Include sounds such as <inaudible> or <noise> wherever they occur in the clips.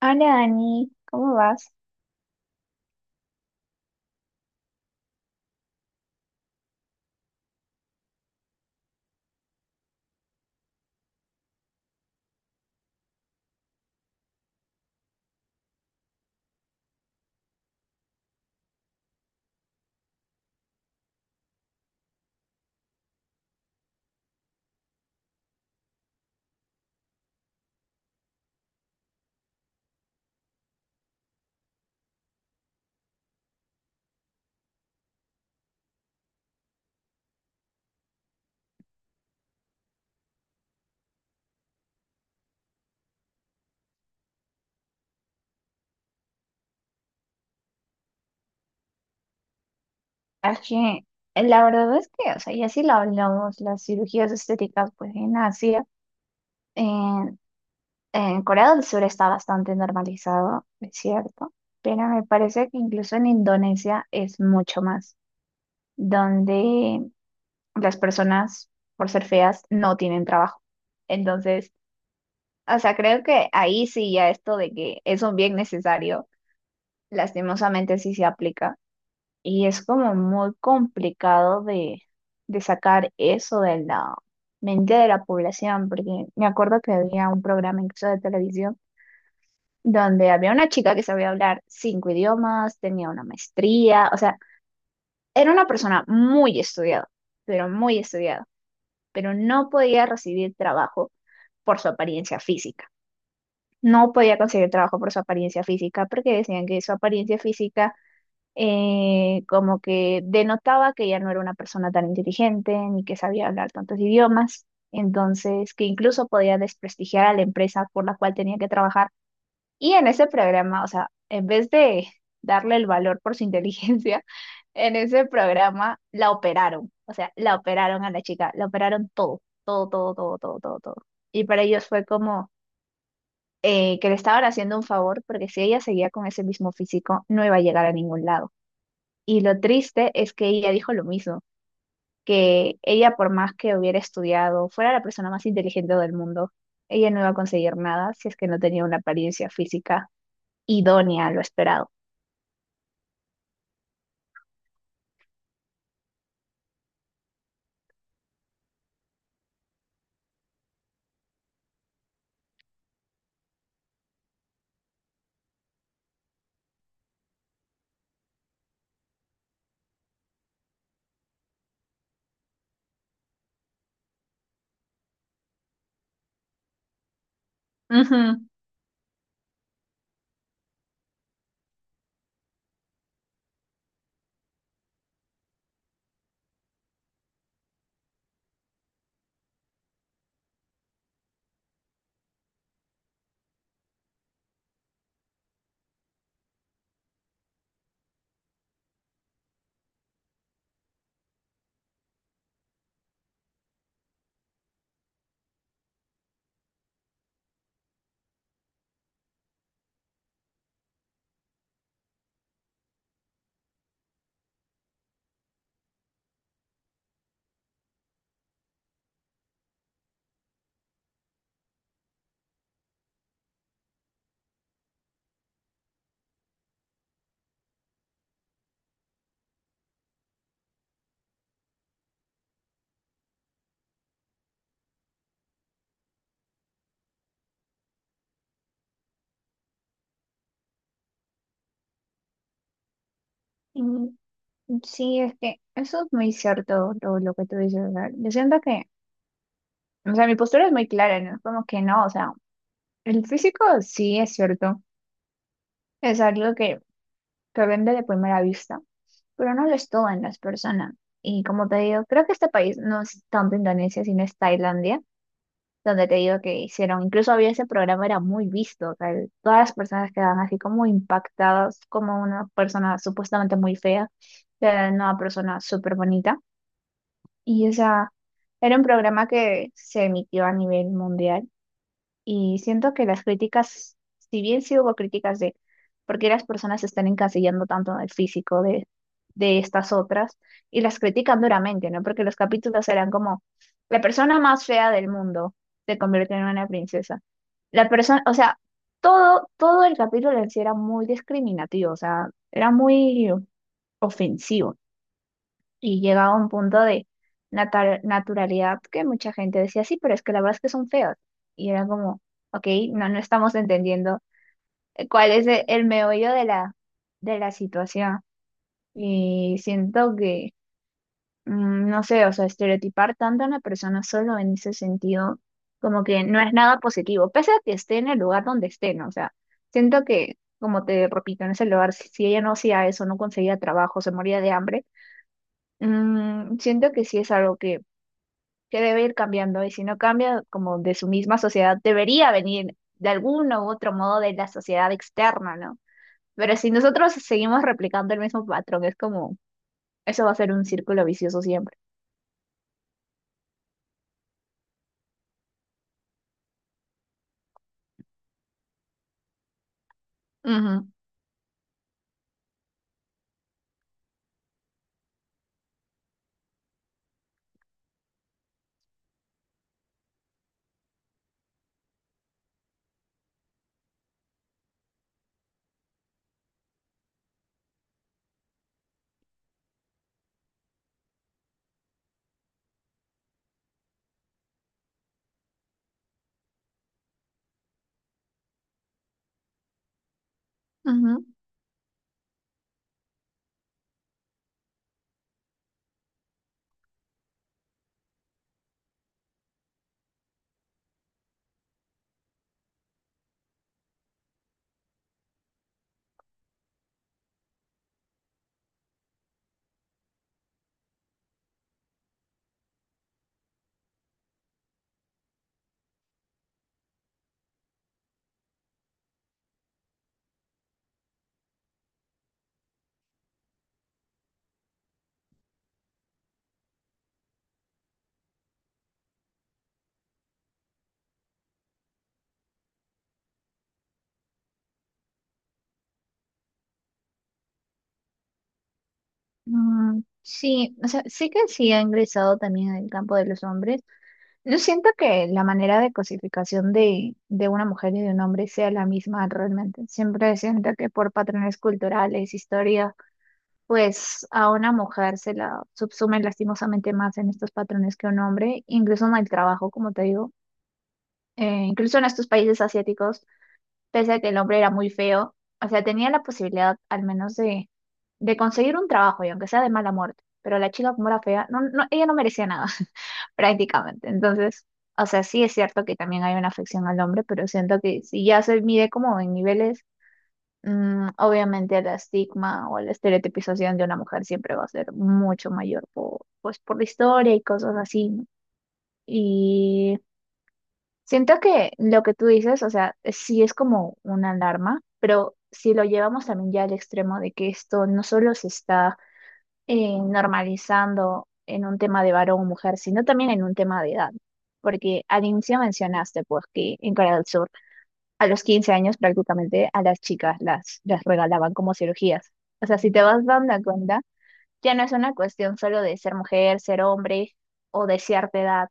Hola Dani, ¿cómo vas? Es que la verdad es que, o sea, ya si lo hablamos, las cirugías estéticas, pues en Asia, en, en Corea del Sur está bastante normalizado, es cierto, pero me parece que incluso en Indonesia es mucho más, donde las personas, por ser feas, no tienen trabajo. Entonces, o sea, creo que ahí sí ya esto de que es un bien necesario, lastimosamente sí se aplica. Y es como muy complicado de sacar eso de la mente de la población, porque me acuerdo que había un programa incluso de televisión donde había una chica que sabía hablar cinco idiomas, tenía una maestría, o sea, era una persona muy estudiada, pero no podía recibir trabajo por su apariencia física. No podía conseguir trabajo por su apariencia física porque decían que su apariencia física como que denotaba que ya no era una persona tan inteligente ni que sabía hablar tantos idiomas, entonces que incluso podía desprestigiar a la empresa por la cual tenía que trabajar. Y en ese programa, o sea, en vez de darle el valor por su inteligencia, <laughs> en ese programa la operaron, o sea, la operaron a la chica, la operaron todo, todo, todo, todo, todo, todo, todo. Y para ellos fue como que le estaban haciendo un favor porque si ella seguía con ese mismo físico, no iba a llegar a ningún lado. Y lo triste es que ella dijo lo mismo, que ella por más que hubiera estudiado, fuera la persona más inteligente del mundo, ella no iba a conseguir nada si es que no tenía una apariencia física idónea a lo esperado. Ujú. Mm, sí, es que eso es muy cierto lo que tú dices. O sea, yo siento que, o sea, mi postura es muy clara, ¿no? Como que no, o sea, el físico sí es cierto, es algo que vende de primera vista. Pero no lo es todo en las personas. Y como te digo, creo que este país no es tanto Indonesia, sino es Tailandia, donde te digo que hicieron, incluso había ese programa, era muy visto, o sea, todas las personas quedaban así como impactadas, como una persona supuestamente muy fea, era una persona súper bonita. Y o sea, era un programa que se emitió a nivel mundial y siento que las críticas, si bien sí hubo críticas de por qué las personas se están encasillando tanto en el físico de estas otras, y las critican duramente, ¿no? Porque los capítulos eran como, la persona más fea del mundo se convierte en una princesa. La persona, o sea, todo, todo el capítulo en sí era muy discriminativo, o sea, era muy ofensivo. Y llega a un punto de naturalidad que mucha gente decía, sí, pero es que la verdad es que son feos. Y era como, ok, no, no estamos entendiendo cuál es el meollo de la situación. Y siento que, no sé, o sea, estereotipar tanto a una persona solo en ese sentido, como que no es nada positivo, pese a que esté en el lugar donde esté, ¿no? O sea, siento que, como te repito, en ese lugar, si ella no hacía eso, no conseguía trabajo, se moría de hambre. Siento que sí es algo que debe ir cambiando y si no cambia como de su misma sociedad, debería venir de algún u otro modo de la sociedad externa, ¿no? Pero si nosotros seguimos replicando el mismo patrón, es como, eso va a ser un círculo vicioso siempre. Ujú, ujú. Mm, sí, o sea, sí que sí ha ingresado también en el campo de los hombres. No siento que la manera de cosificación de una mujer y de un hombre sea la misma realmente. Siempre siento que por patrones culturales, historias, pues a una mujer se la subsume lastimosamente más en estos patrones que a un hombre, incluso en el trabajo, como te digo, incluso en estos países asiáticos, pese a que el hombre era muy feo, o sea, tenía la posibilidad al menos de conseguir un trabajo, y aunque sea de mala muerte, pero la chica como era fea, no, no, ella no merecía nada, <laughs> prácticamente. Entonces, o sea, sí es cierto que también hay una afección al hombre, pero siento que si ya se mide como en niveles. Obviamente el estigma o la estereotipización de una mujer siempre va a ser mucho mayor por, pues, por la historia y cosas así, ¿no? Y siento que lo que tú dices, o sea, sí es como una alarma, pero si lo llevamos también ya al extremo de que esto no solo se está normalizando en un tema de varón o mujer, sino también en un tema de edad, porque al inicio mencionaste pues que en Corea del Sur a los 15 años prácticamente a las chicas las regalaban como cirugías. O sea, si te vas dando cuenta, ya no es una cuestión solo de ser mujer, ser hombre o de cierta edad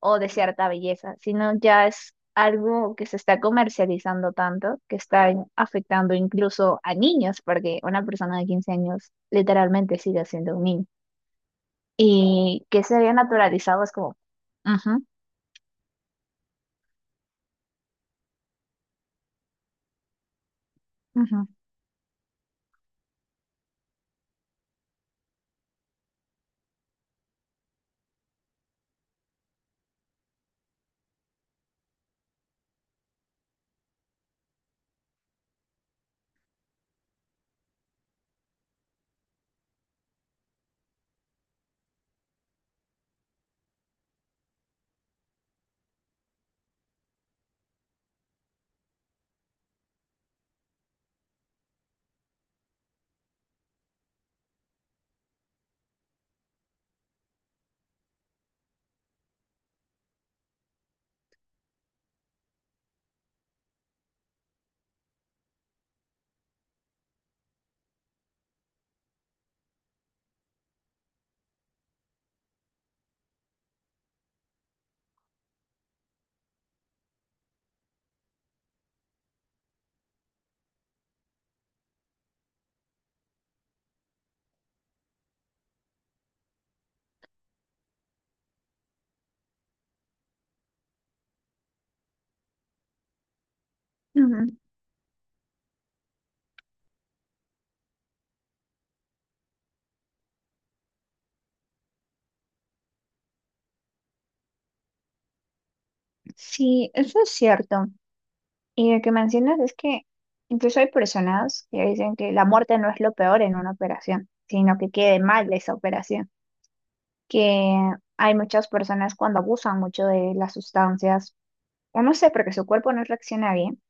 o de cierta belleza, sino ya es algo que se está comercializando tanto que está afectando incluso a niños, porque una persona de 15 años literalmente sigue siendo un niño. Y que se vea naturalizado es como... Ujú, ujú, ujú. Sí, eso es cierto. Y lo que mencionas es que incluso hay personas que dicen que la muerte no es lo peor en una operación, sino que quede mal esa operación. Que hay muchas personas cuando abusan mucho de las sustancias, o no sé, porque su cuerpo no reacciona bien,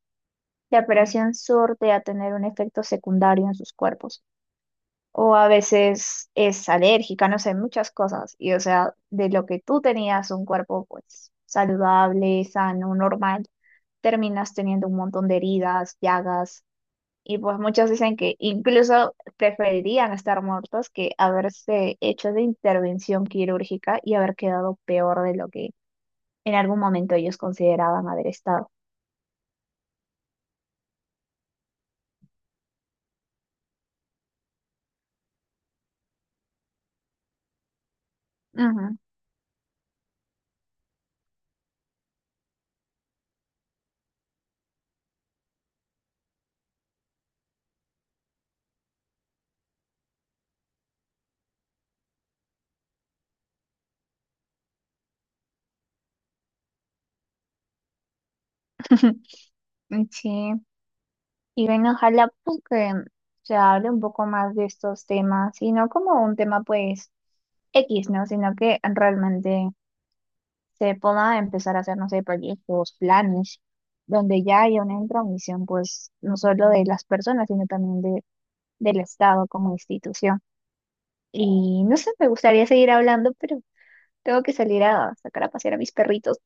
la operación surte a tener un efecto secundario en sus cuerpos. O a veces es alérgica, no sé, muchas cosas. Y o sea, de lo que tú tenías un cuerpo pues saludable, sano, normal, terminas teniendo un montón de heridas, llagas. Y pues muchos dicen que incluso preferirían estar muertos que haberse hecho de intervención quirúrgica y haber quedado peor de lo que en algún momento ellos consideraban haber estado. Ujú. <laughs> Sí, y bueno, ojalá pues que se hable un poco más de estos temas y no como un tema pues X, ¿no? Sino que realmente se pueda empezar a hacer, no sé, proyectos, planes, donde ya haya una intromisión pues no solo de las personas, sino también del Estado como institución. Y no sé, me gustaría seguir hablando, pero tengo que salir a sacar a pasear a mis perritos.